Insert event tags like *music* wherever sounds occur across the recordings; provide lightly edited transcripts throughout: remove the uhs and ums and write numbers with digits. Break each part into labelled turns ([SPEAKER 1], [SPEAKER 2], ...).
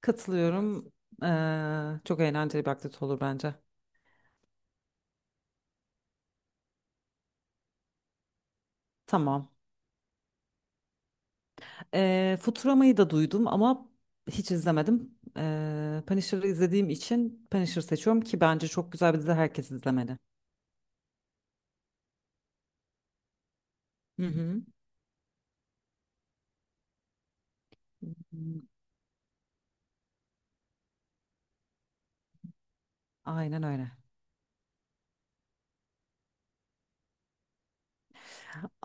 [SPEAKER 1] Katılıyorum. Çok eğlenceli bir aktivite olur bence. Tamam. Futurama'yı da duydum ama hiç izlemedim. Punisher'ı izlediğim için Punisher seçiyorum ki bence çok güzel bir dizi, herkes izlemeli. Hı hı. Hmm, aynen öyle.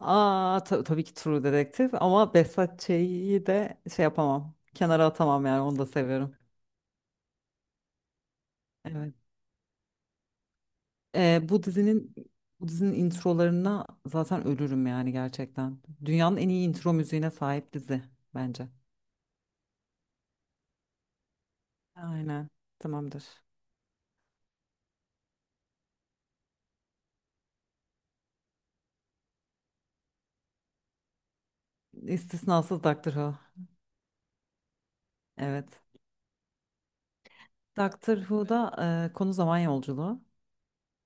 [SPEAKER 1] Aa, tabii ki True Detective, ama Behzat Ç'yi de şey yapamam. Kenara atamam, yani onu da seviyorum. Evet. Ee, bu dizinin bu dizinin introlarına zaten ölürüm, yani gerçekten. Dünyanın en iyi intro müziğine sahip dizi bence. Aynen. Tamamdır. İstisnasız Doctor Who. Evet. Doctor Who'da konu zaman yolculuğu.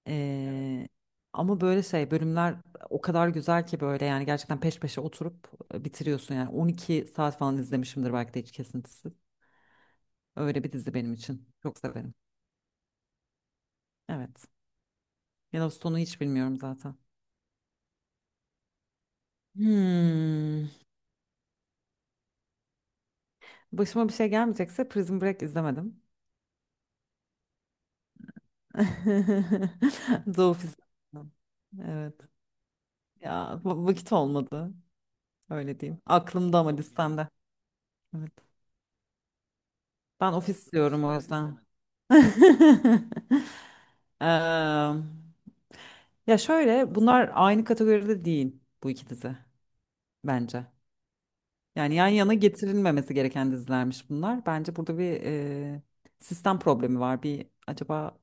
[SPEAKER 1] Ee, Ama böyle şey bölümler o kadar güzel ki, böyle yani gerçekten peş peşe oturup bitiriyorsun, yani 12 saat falan izlemişimdir belki de, hiç kesintisiz. Öyle bir dizi benim için. Çok severim. Evet. Yellowstone'u hiç bilmiyorum zaten. Hmm. Başıma bir şey gelmeyecekse, Prison Break izlemedim. *laughs* The Office izlemedim. Evet. Ya vakit olmadı. Öyle diyeyim. Aklımda ama listemde. Evet. Ben ofis diyorum o yüzden. *laughs* Eee, Ya şöyle, bunlar aynı kategoride değil bu iki dizi bence. Yani yan yana getirilmemesi gereken dizilermiş bunlar. Bence burada bir sistem problemi var. Bir acaba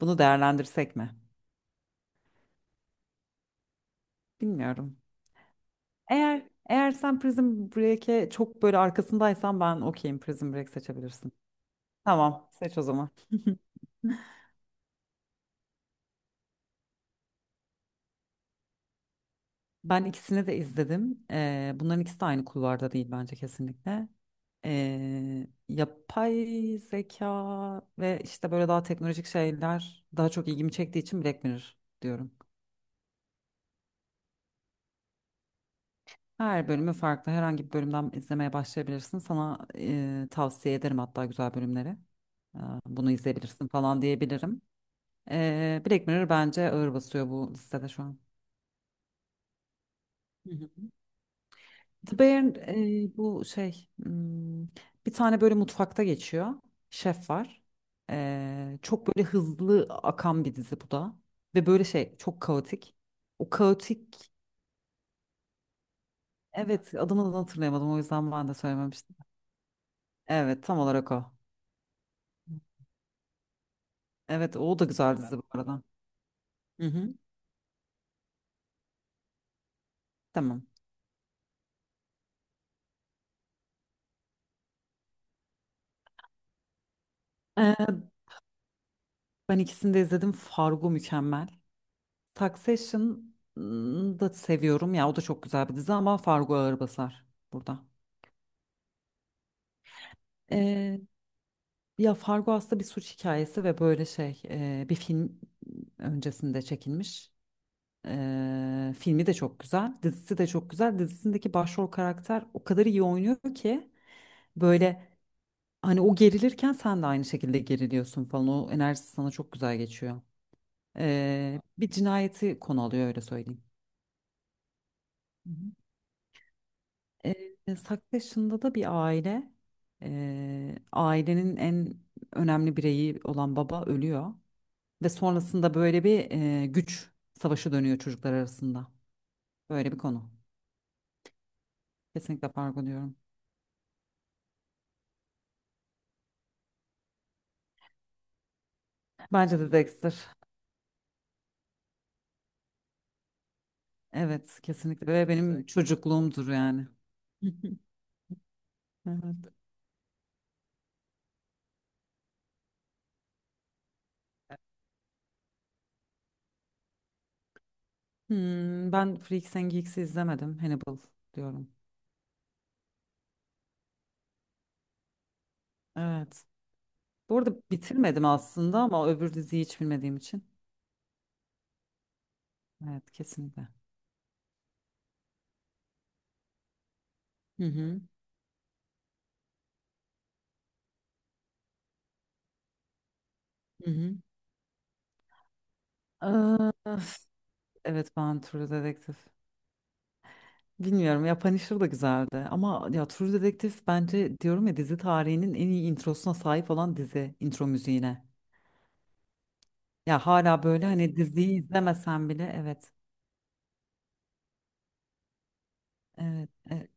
[SPEAKER 1] bunu değerlendirsek mi? Bilmiyorum. Eğer sen Prison Break'e çok böyle arkasındaysan, ben okeyim, Prison Break seçebilirsin. Tamam, seç o zaman. Ben ikisini de izledim. Bunların ikisi de aynı kulvarda değil bence, kesinlikle. Yapay zeka ve işte böyle daha teknolojik şeyler daha çok ilgimi çektiği için Black Mirror diyorum. Her bölümü farklı. Herhangi bir bölümden izlemeye başlayabilirsin. Sana tavsiye ederim, hatta güzel bölümleri. Ee, Bunu izleyebilirsin falan diyebilirim. Black Mirror bence ağır basıyor bu listede şu an. Hı hı. The Bear bu şey bir tane böyle mutfakta geçiyor. Şef var. Çok böyle hızlı akan bir dizi bu da. Ve böyle şey çok kaotik. O kaotik, evet, adını da hatırlayamadım, o yüzden ben de söylememiştim. Evet, tam olarak o. Evet, o da güzel dizi bu arada. Hı hı, tamam. Ee, Ben ikisini de izledim. Fargo mükemmel. Succession'ı da seviyorum ya, o da çok güzel bir dizi ama Fargo ağır basar burada. Ee, Ya Fargo aslında bir suç hikayesi ve böyle şey, bir film öncesinde çekilmiş. Filmi de çok güzel, dizisi de çok güzel. Dizisindeki başrol karakter o kadar iyi oynuyor ki, böyle hani o gerilirken sen de aynı şekilde geriliyorsun falan. O enerjisi sana çok güzel geçiyor. Bir cinayeti konu alıyor, öyle söyleyeyim. Hı hı. Saktaş'ında da bir aile, ailenin en önemli bireyi olan baba ölüyor ve sonrasında böyle bir güç savaşı dönüyor çocuklar arasında. Böyle bir konu. Kesinlikle fark diyorum. Bence de Dexter. Evet, kesinlikle ve benim çocukluğumdur yani. *laughs* Evet. Ben Freaks and Geeks'i izlemedim. Hannibal diyorum. Evet. Bu arada bitirmedim aslında, ama öbür diziyi hiç bilmediğim için. Evet, kesinlikle. Hı hı. Hı hı. Öf, evet, ben True Detective. Bilmiyorum ya, Punisher da güzeldi ama ya, True Detective bence diyorum ya, dizi tarihinin en iyi introsuna sahip olan dizi, intro müziğine. Ya hala böyle hani, diziyi izlemesen bile, evet, evet,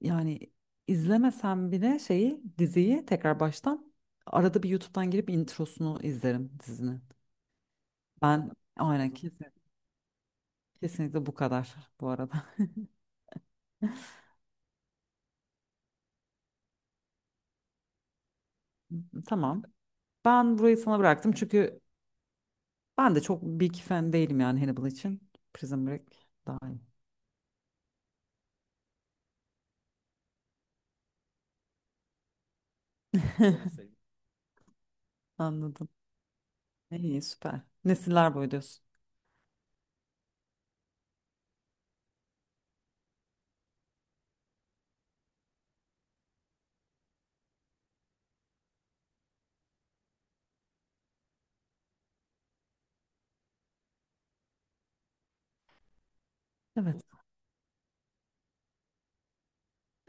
[SPEAKER 1] yani izlemesen bile şeyi diziyi tekrar baştan arada bir YouTube'dan girip introsunu izlerim dizinin. Ben aynen, kesinlikle bu kadar bu arada. *laughs* Tamam. Ben burayı sana bıraktım çünkü ben de çok big fan değilim yani Hannibal için. Prison Break daha iyi. *laughs* Anladım. İyi, süper. Nesiller boyu diyorsun. Evet.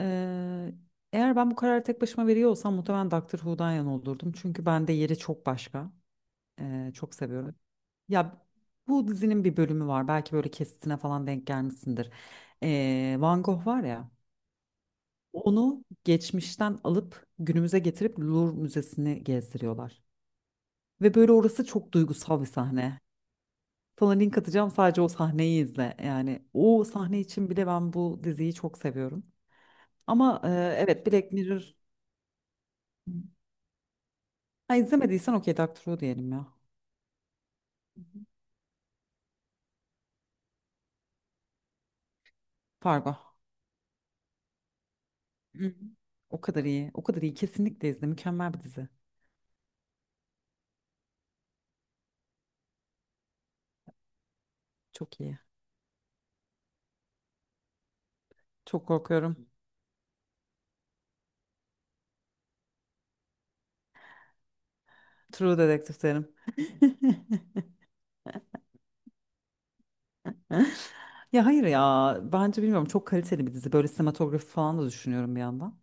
[SPEAKER 1] Ee, Eğer ben bu kararı tek başıma veriyor olsam, muhtemelen Doctor Who'dan yana olurdum. Çünkü bende yeri çok başka. Çok seviyorum. Ya, bu dizinin bir bölümü var. Belki böyle kesitine falan denk gelmişsindir. Van Gogh var ya. Onu geçmişten alıp günümüze getirip Louvre Müzesi'ni gezdiriyorlar. Ve böyle orası çok duygusal bir sahne. Sana link atacağım, sadece o sahneyi izle. Yani o sahne için bile ben bu diziyi çok seviyorum. Ama evet, Black Mirror, ha, izlemediysen okey, Doctor Who diyelim ya. Hı hı. Fargo. Hı hı. O kadar iyi. O kadar iyi. Kesinlikle izle. Mükemmel bir dizi. Çok iyi. Çok korkuyorum. True Detective derim. *laughs* Ya hayır ya. Bence bilmiyorum. Çok kaliteli bir dizi. Böyle sinematografi falan da düşünüyorum bir yandan.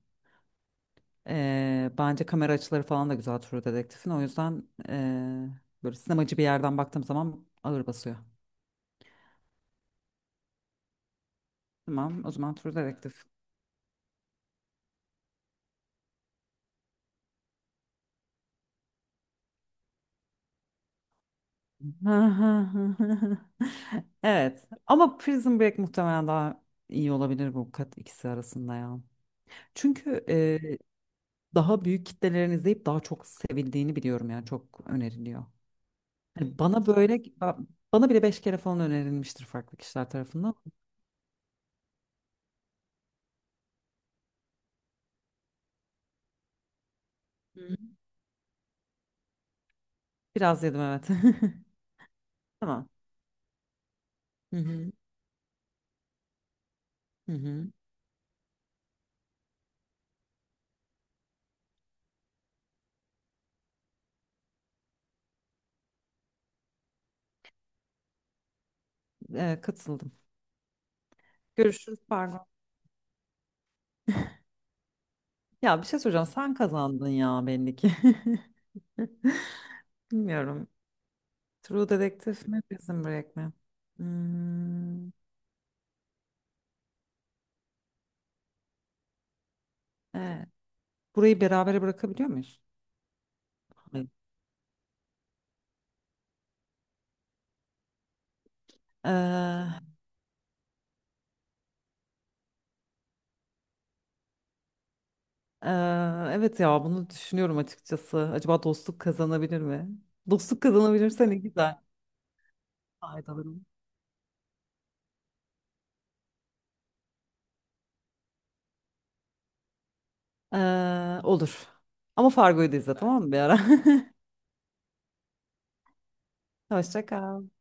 [SPEAKER 1] Bence kamera açıları falan da güzel True Detective'in. O yüzden böyle sinemacı bir yerden baktığım zaman ağır basıyor. Tamam, o zaman True Detective. *laughs* Evet, ama Prison Break muhtemelen daha iyi olabilir bu kat ikisi arasında ya. Çünkü daha büyük kitlelerin izleyip daha çok sevildiğini biliyorum, yani çok öneriliyor. Hani bana böyle, bana bile beş kere falan önerilmiştir farklı kişiler tarafından. Hı. Biraz yedim, evet. *laughs* Tamam. Hı hı. Hı hı. Katıldım. Görüşürüz, pardon. Ya, bir şey soracağım. Sen kazandın ya, belli ki. *laughs* Bilmiyorum. True Detective mi, Prison Break mi? Hmm, evet. Burayı berabere bırakabiliyor muyuz? Hayır. Ee, ee, evet ya, bunu düşünüyorum açıkçası. Acaba dostluk kazanabilir mi? Dostluk kazanabilirse ne güzel. Faydalarım. Olur. Ama Fargo'yu da izle tamam mı, bir ara? *laughs* Hoşça kal.